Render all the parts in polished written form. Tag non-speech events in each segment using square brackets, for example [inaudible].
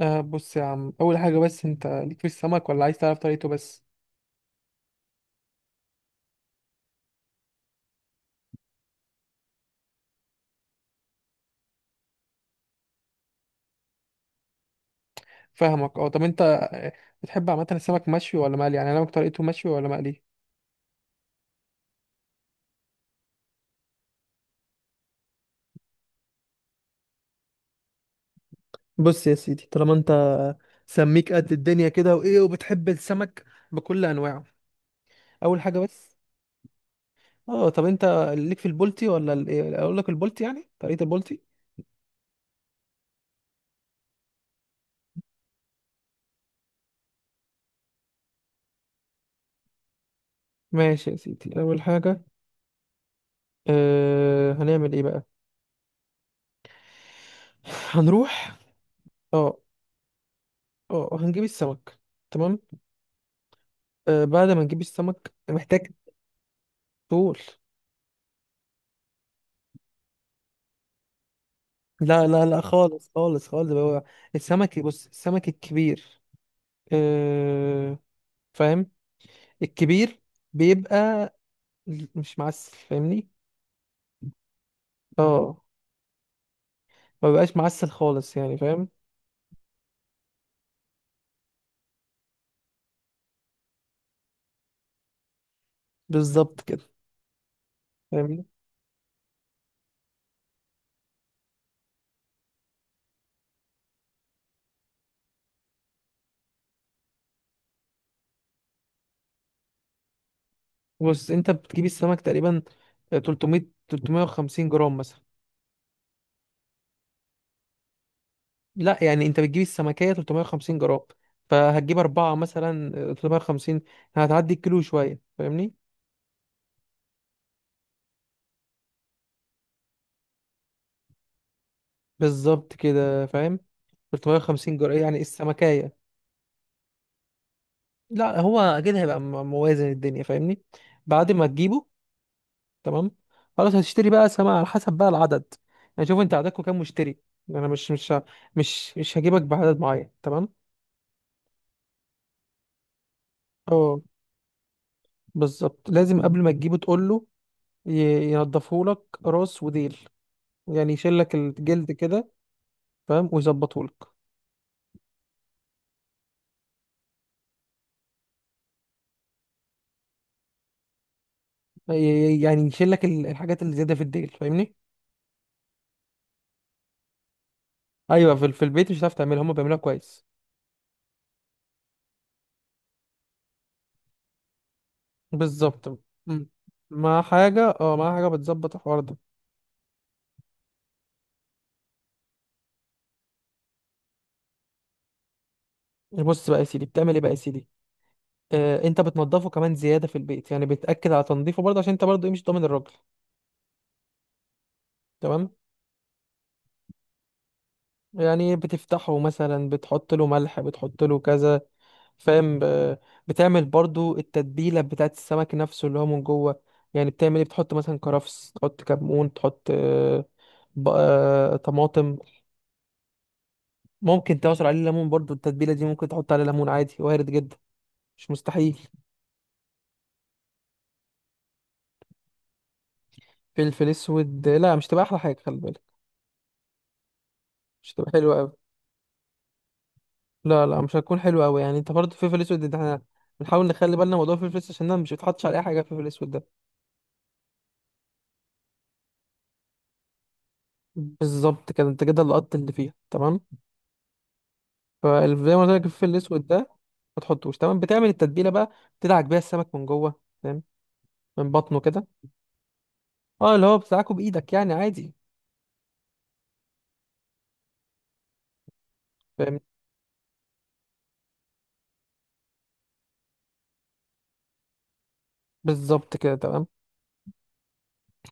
بص يا عم، أول حاجة بس أنت ليك في السمك ولا عايز تعرف طريقته بس؟ فاهمك. أه طب أنت آه، بتحب عامة السمك مشوي ولا مقلي؟ يعني أنا طريقته مشوي ولا مقلي؟ بص يا سيدي، طالما انت سميك قد الدنيا كده وايه وبتحب السمك بكل انواعه، اول حاجه بس، طب أنت ليك في البولتي ولا إيه؟ أقول لك البولتي، يعني طريقة البولتي. ماشي يا سيدي، اول حاجه، هنعمل ايه بقى؟ [laughs] هنروح. أه. أه، هنجيب السمك. تمام. أه، بعد ما نجيب السمك محتاج. طول. لا لا لا، خالص خالص خالص، هو السمك، بص، السمك الكبير، آه، فاهم، الكبير بيبقى مش معسل، فاهمني؟ اه، ما بيبقاش معسل خالص، يعني فاهم؟ بالظبط كده، فاهمني؟ بص، انت بتجيب السمك تقريبا 300، 350 جرام مثلا. لا، يعني انت بتجيب السمكية 350 جرام، فهتجيب أربعة مثلا 350، هتعدي الكيلو شوية، فاهمني؟ بالظبط كده، فاهم؟ 350 جرام يعني السمكية. لا، هو اكيد هيبقى موازن الدنيا، فاهمني؟ بعد ما تجيبه. تمام. خلاص، هتشتري بقى سماعة على حسب بقى العدد، يعني شوف انت عددكم كام مشتري؟ انا مش هجيبك بعدد معين، تمام؟ اه. بالظبط، لازم قبل ما تجيبه تقول له ينضفه لك، راس وديل، يعني يشيل لك الجلد كده، فاهم؟ ويظبطه لك. يعني يشيل لك الحاجات اللي زياده في الديل، فاهمني؟ ايوه، في, في البيت مش هتعرف تعملها، هم بيعملوها كويس. بالظبط. مم. مع حاجه، اه، مع حاجه بتظبط الحوار ده. بص بقى يا سيدي بتعمل ايه بقى يا سيدي؟ آه، انت بتنضفه كمان زياده في البيت، يعني بتاكد على تنظيفه برضه، عشان انت برضه ايه، مش ضامن الراجل. تمام. يعني بتفتحه مثلا، بتحط له ملح، بتحط له كذا، فاهم؟ بتعمل برضه التتبيله بتاعت السمك نفسه، اللي هو من جوه. يعني بتعمل ايه، بتحط مثلا كرفس، تحط كمون، تحط طماطم. ممكن تعصر عليه ليمون برضه، التتبيله دي ممكن تحط عليه ليمون عادي، وارد جدا، مش مستحيل. فلفل اسود؟ لا، مش تبقى احلى حاجه، خلي بالك، مش تبقى حلوه. لا لا، مش هتكون حلوة أوي، يعني أنت برضه فلفل أسود ده، احنا بنحاول نخلي بالنا موضوع الفلفل الأسود، عشان ده مش بيتحطش على أي حاجة، الفلفل الأسود ده. بالظبط كده، أنت كده لقطت اللي فيها، تمام؟ فزي ما قلت لك الفلفل الأسود ده ما تحطوش. تمام. بتعمل التتبيلة بقى، بتدعك بيها السمك من جوه، فاهم؟ من بطنه كده. أه، اللي هو بتدعكه بإيدك، يعني عادي. فاهم؟ بالظبط كده. تمام.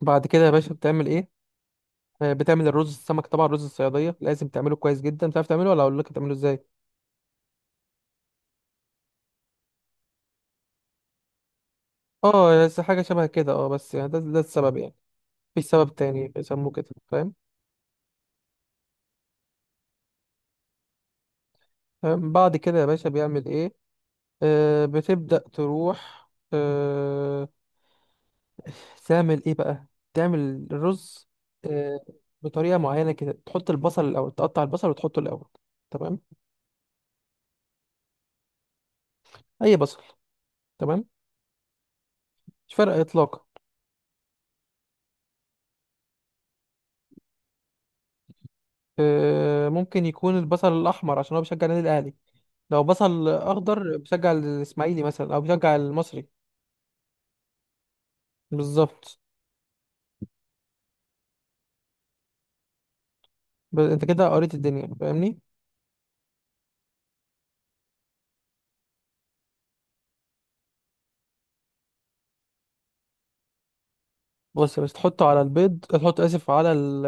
بعد كده يا باشا بتعمل إيه؟ بتعمل الرز. السمك طبعا رز الصيادية لازم تعمله كويس جدا، بتعرف تعمله ولا أقول لك تعمله إزاي؟ أه، بس حاجة شبه كده، أه، بس يعني ده السبب يعني، في سبب تاني بيسموه كده، فاهم؟ تمام؟ بعد كده يا باشا بيعمل ايه؟ بتبدأ تروح، تعمل ايه بقى، تعمل الرز. آه، بطريقة معينة كده، تحط البصل الأول، تقطع البصل وتحطه الأول، تمام؟ أي بصل، تمام، مش فارقة إطلاقا. آه، ممكن يكون البصل الأحمر عشان هو بيشجع النادي الأهلي، لو بصل أخضر بيشجع الإسماعيلي مثلا أو بيشجع المصري. بالظبط. أنت كده قريت الدنيا، فاهمني؟ بص، بس تحطه على البيض، تحط، آسف، على ال،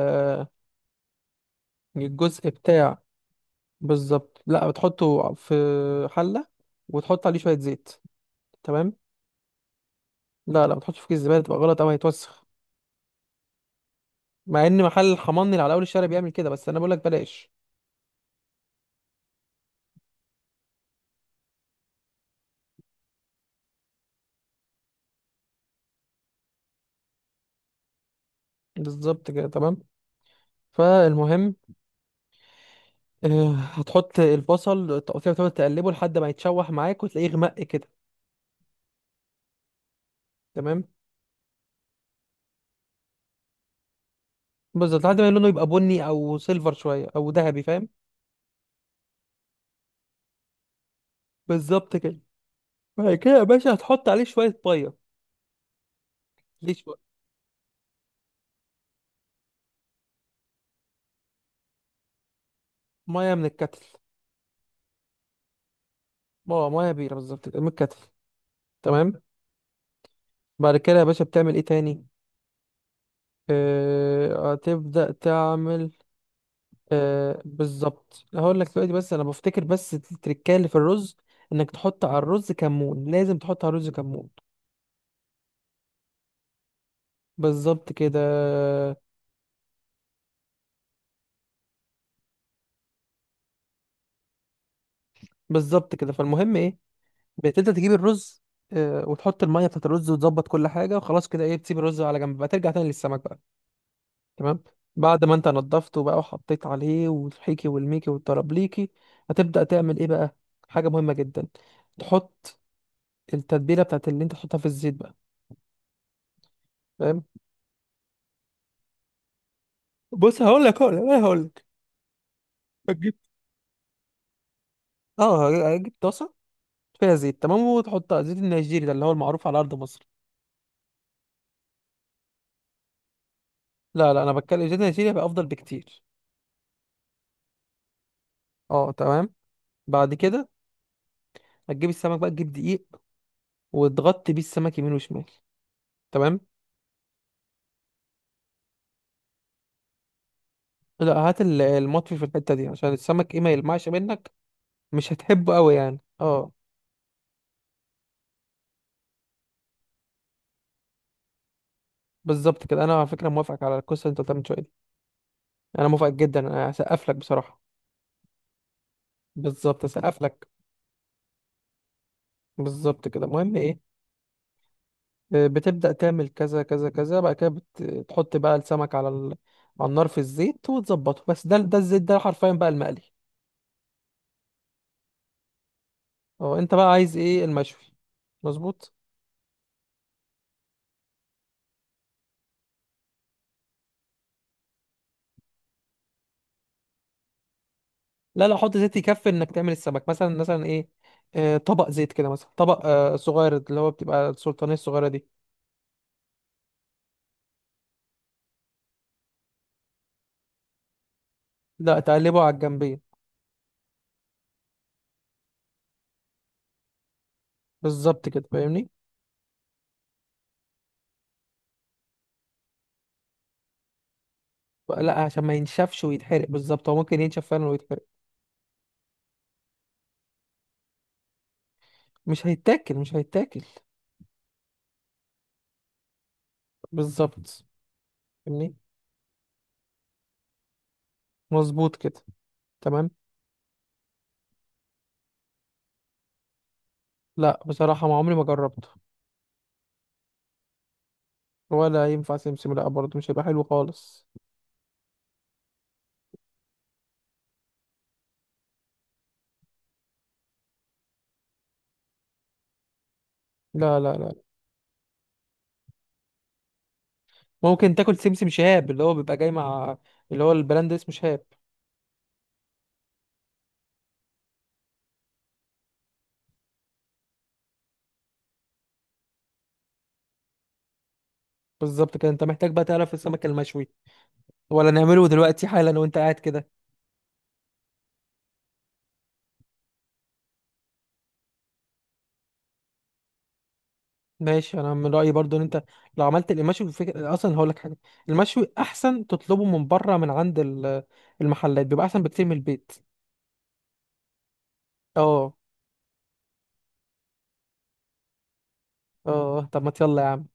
الجزء بتاع. بالظبط، لا، بتحطه في حلة، وتحط عليه شوية زيت، تمام؟ لا لا، ما تحطش في كيس الزبالة، تبقى غلط أوي، هيتوسخ. مع إن محل الحماني اللي على أول الشارع بيعمل كده، بس أنا بقولك بلاش. بالظبط كده، تمام. فالمهم، آه، هتحط البصل تقطيع، وتقعد تقلبه لحد ما يتشوح معاك وتلاقيه غمق كده. تمام. بالظبط، لحد ما لونه يبقى بني أو سيلفر شوية أو ذهبي، فاهم؟ بالظبط كده. بعد كده يا باشا هتحط عليه شوية مية. ليه شوية. مية من الكتل. اه، مية بيرة بالظبط كده، من الكتل. تمام. بعد كده يا باشا بتعمل ايه تاني؟ هتبدأ تعمل، آه، بالظبط، هقول لك دلوقتي، بس انا بفتكر بس التركية اللي في الرز، انك تحط على الرز كمون، لازم تحط على الرز كمون. بالظبط كده. بالظبط كده، فالمهم ايه، بتبدأ تجيب الرز، آه، وتحط المية بتاعت الرز، وتظبط كل حاجة، وخلاص كده ايه، بتسيب الرز على جنب بقى، ترجع تاني للسمك بقى، تمام؟ بعد ما انت نضفته بقى، وحطيت عليه والحيكي والميكي والترابليكي، هتبدأ تعمل ايه بقى؟ حاجة مهمة جدا، تحط التتبيلة بتاعت اللي انت تحطها في الزيت بقى، فاهم؟ بص، هقول لك انا، هقول لك. هتجيب، اه، هتجيب طاسة فيها زيت، تمام، وتحطها زيت النيجيري، ده اللي هو المعروف على ارض مصر. لا لا، انا بتكلم زيت النيجيري، بقى افضل بكتير. اه، تمام. بعد كده هتجيب السمك بقى، تجيب دقيق وتغطي بيه السمك يمين وشمال، تمام؟ لا، هات المطفي في الحتة دي عشان السمك ايه ما يلمعش منك، مش هتحبه قوي يعني، اه. بالظبط كده، انا على فكره موافقك على القصه اللي انت قلتها من شويه دي. انا موافقك جدا، انا هسقف لك بصراحه. بالظبط، هسقف لك. بالظبط كده، المهم ايه، آه، بتبدا تعمل كذا كذا كذا، بعد كده بتحط بقى السمك على ال... على النار في الزيت وتظبطه، بس ده الزيت ده حرفيا بقى المقلي. اه، انت بقى عايز ايه، المشوي؟ مظبوط. لا لا، حط زيت يكفي انك تعمل السمك، مثلا ايه، آه، طبق زيت كده مثلا، طبق آه، صغير، اللي هو بتبقى السلطانيه الصغيره دي. لا، تقلبه على الجنبيه. بالظبط كده، فاهمني؟ لا، عشان ما ينشفش ويتحرق، بالظبط، هو ممكن ينشف فعلا ويتحرق. مش هيتاكل. بالظبط، فاهمني؟ مظبوط كده. تمام. لا، بصراحة ما عمري ما جربته. ولا ينفع سمسم، لا، برضه مش هيبقى حلو خالص. لا لا لا ممكن تاكل سمسم شهاب، اللي هو بيبقى جاي مع، اللي هو البراند اسمه شهاب. بالظبط كده، انت محتاج بقى تعرف السمك المشوي ولا نعمله دلوقتي حالا وانت قاعد كده؟ ماشي، انا من رايي برضو ان انت لو عملت المشوي فكرة اصلا، هقول لك حاجه، المشوي احسن تطلبه من بره، من عند المحلات، بيبقى احسن بكتير من البيت. اه. اه، طب ما يلا يا عم.